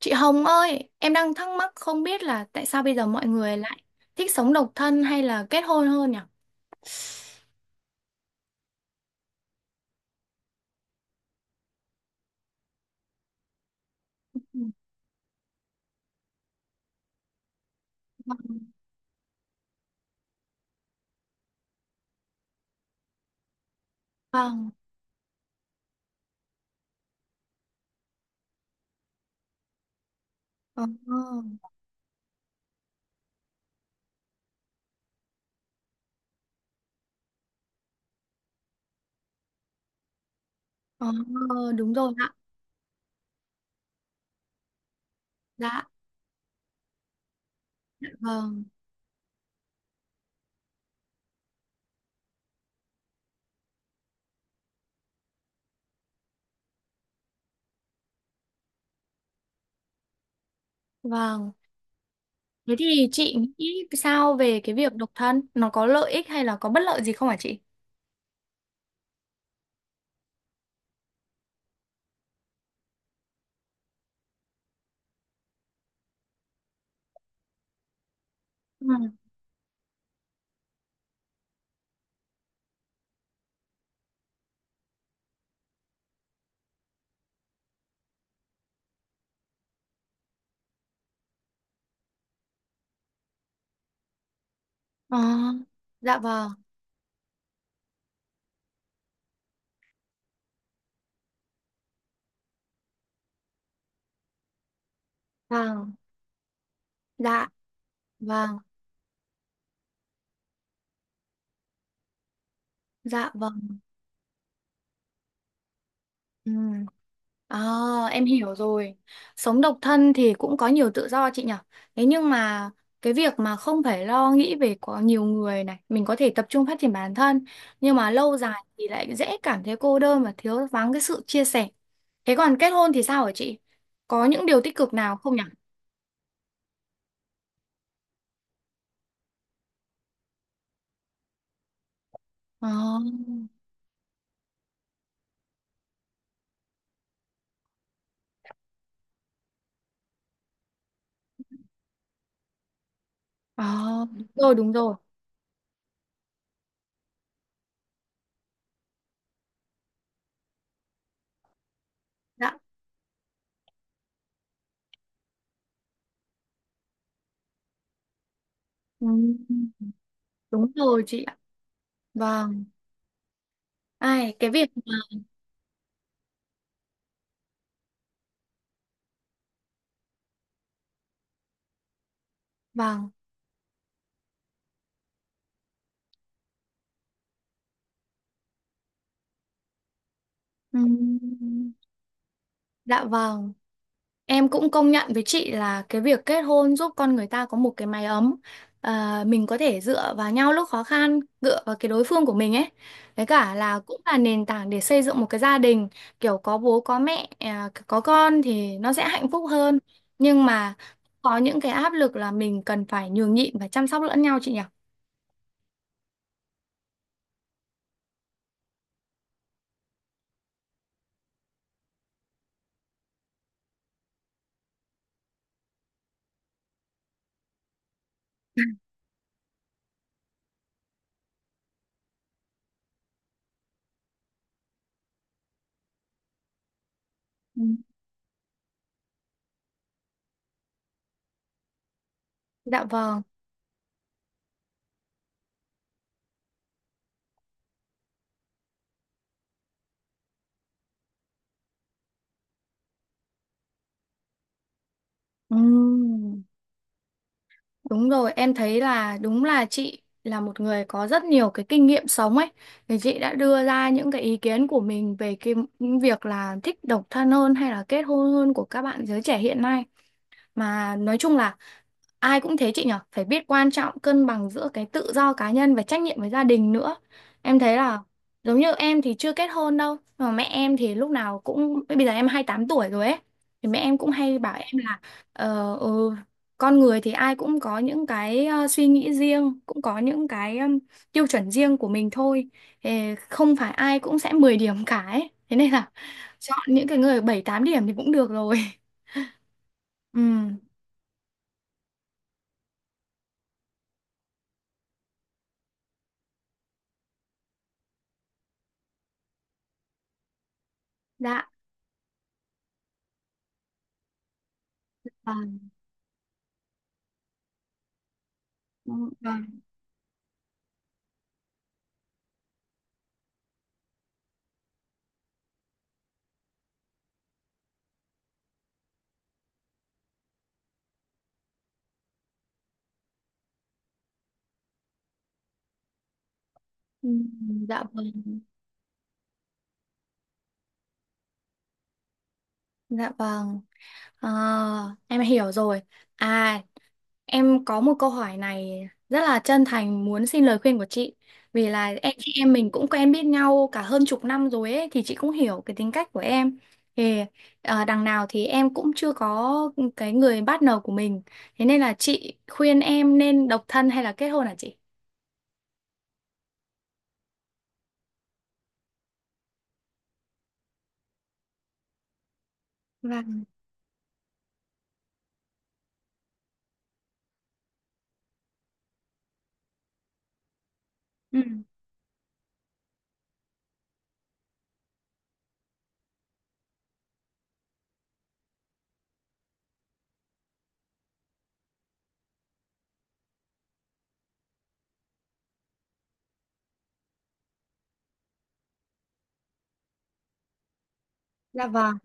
Chị Hồng ơi, em đang thắc mắc không biết là tại sao bây giờ mọi người lại thích sống độc thân hay là kết hôn hơn nhỉ? Ừ, vâng, vâng, ờ, ờ, đúng rồi ạ, dạ, vâng, vâng. Thế thì chị nghĩ sao về cái việc độc thân? Nó có lợi ích hay là có bất lợi gì không hả chị? Ừ. Ờ, dạ vâng, vâng, dạ, vâng, dạ vâng. Ừ. À, em hiểu rồi. Sống độc thân thì cũng có nhiều tự do chị nhỉ. Thế nhưng mà cái việc mà không phải lo nghĩ về có nhiều người này, mình có thể tập trung phát triển bản thân, nhưng mà lâu dài thì lại dễ cảm thấy cô đơn và thiếu vắng cái sự chia sẻ. Thế còn kết hôn thì sao hả chị? Có những điều tích cực nào không nhỉ? Ờ, ờ, đúng rồi, đúng rồi. Dạ. Ừ, đúng rồi chị ạ. Vâng. Ai, cái việc mà, vâng. Ừ, dạ vâng. Em cũng công nhận với chị là cái việc kết hôn giúp con người ta có một cái mái ấm. À, mình có thể dựa vào nhau lúc khó khăn, dựa vào cái đối phương của mình ấy. Với cả là cũng là nền tảng để xây dựng một cái gia đình, kiểu có bố có mẹ, à, có con thì nó sẽ hạnh phúc hơn. Nhưng mà có những cái áp lực là mình cần phải nhường nhịn và chăm sóc lẫn nhau chị nhỉ? Ừ. Dạ vâng. Ừ. Đúng rồi, em thấy là đúng là chị là một người có rất nhiều cái kinh nghiệm sống ấy. Thì chị đã đưa ra những cái ý kiến của mình về cái những việc là thích độc thân hơn hay là kết hôn hơn của các bạn giới trẻ hiện nay. Mà nói chung là ai cũng thế chị nhở, phải biết quan trọng cân bằng giữa cái tự do cá nhân và trách nhiệm với gia đình nữa. Em thấy là giống như em thì chưa kết hôn đâu, mà mẹ em thì lúc nào cũng bây giờ em 28 tuổi rồi ấy. Thì mẹ em cũng hay bảo em là ờ, ừ, con người thì ai cũng có những cái suy nghĩ riêng, cũng có những cái tiêu chuẩn riêng của mình thôi. Ờ, không phải ai cũng sẽ 10 điểm cả ấy. Thế nên là chọn những cái người 7 8 điểm thì cũng được rồi. Ừ, dạ. À, ừ, vâng. Ừ, dạ vâng. Dạ vâng. À, em hiểu rồi. À, em có một câu hỏi này rất là chân thành muốn xin lời khuyên của chị. Vì là em chị em mình cũng quen biết nhau cả hơn chục năm rồi ấy thì chị cũng hiểu cái tính cách của em. Thì đằng nào thì em cũng chưa có cái người partner của mình. Thế nên là chị khuyên em nên độc thân hay là kết hôn hả chị? Vâng. Ừ. Dạ vâng.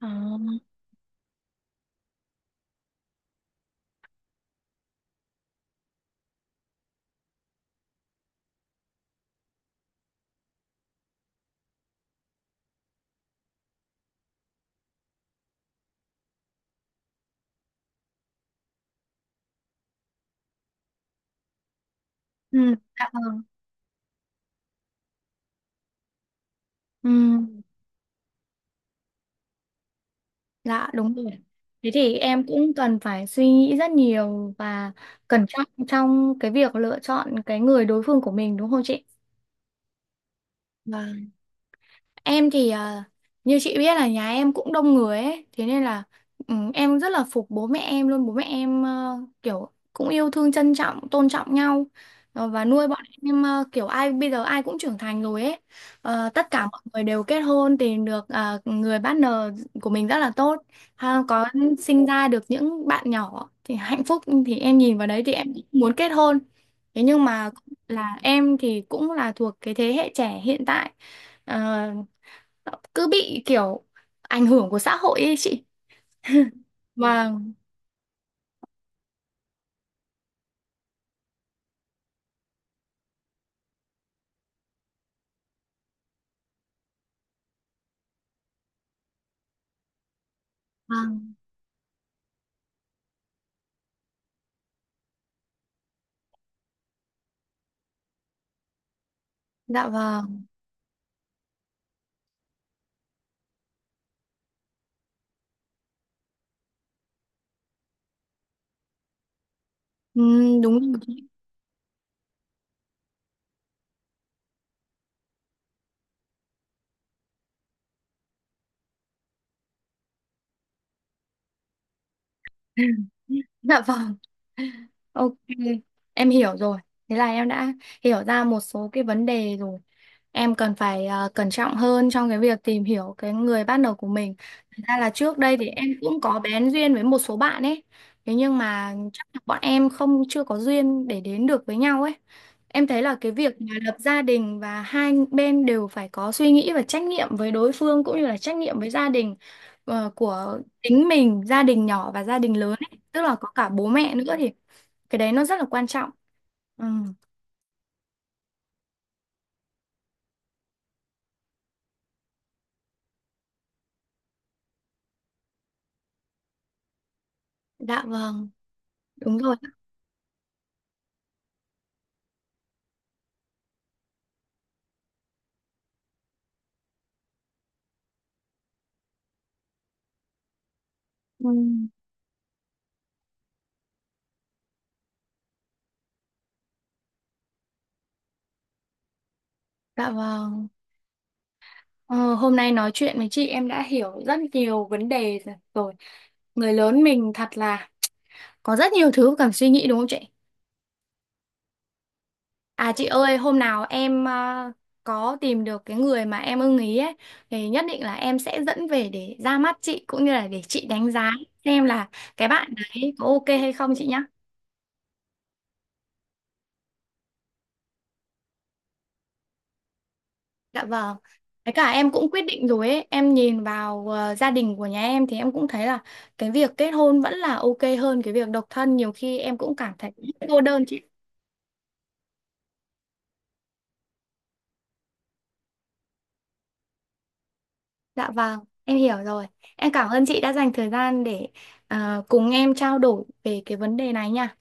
Ờ. Ừ. Dạ vâng. Ừ. Dạ đúng rồi. Thế thì em cũng cần phải suy nghĩ rất nhiều và cẩn trọng trong cái việc lựa chọn cái người đối phương của mình đúng không chị? Vâng. Em thì như chị biết là nhà em cũng đông người ấy, thế nên là em rất là phục bố mẹ em luôn, bố mẹ em kiểu cũng yêu thương trân trọng, tôn trọng nhau và nuôi bọn em kiểu ai bây giờ ai cũng trưởng thành rồi ấy. Ờ, tất cả mọi người đều kết hôn tìm được người partner của mình rất là tốt, ha, có sinh ra được những bạn nhỏ thì hạnh phúc thì em nhìn vào đấy thì em cũng muốn kết hôn. Thế nhưng mà là em thì cũng là thuộc cái thế hệ trẻ hiện tại Ờ, cứ bị kiểu ảnh hưởng của xã hội ấy chị. Vâng, vâng, dạ vâng. Đúng rồi. Dạ vâng. Ok, em hiểu rồi. Thế là em đã hiểu ra một số cái vấn đề rồi. Em cần phải cẩn trọng hơn trong cái việc tìm hiểu cái người partner của mình. Thật ra là trước đây thì em cũng có bén duyên với một số bạn ấy. Thế nhưng mà chắc là bọn em không chưa có duyên để đến được với nhau ấy. Em thấy là cái việc mà lập gia đình và hai bên đều phải có suy nghĩ và trách nhiệm với đối phương cũng như là trách nhiệm với gia đình của chính mình, gia đình nhỏ và gia đình lớn ấy. Tức là có cả bố mẹ nữa thì cái đấy nó rất là quan trọng. Ừ, dạ vâng, đúng rồi. Ừ, dạ vâng. Ờ, hôm nay nói chuyện với chị em đã hiểu rất nhiều vấn đề rồi. Người lớn mình thật là có rất nhiều thứ cần suy nghĩ đúng không chị? À chị ơi, hôm nào em có tìm được cái người mà em ưng ý ấy thì nhất định là em sẽ dẫn về để ra mắt chị cũng như là để chị đánh giá xem là cái bạn đấy có ok hay không chị nhá. Dạ vâng. Với cả em cũng quyết định rồi ấy, em nhìn vào gia đình của nhà em thì em cũng thấy là cái việc kết hôn vẫn là ok hơn cái việc độc thân, nhiều khi em cũng cảm thấy cô đơn chị. Dạ vâng, em hiểu rồi. Em cảm ơn chị đã dành thời gian để cùng em trao đổi về cái vấn đề này nha.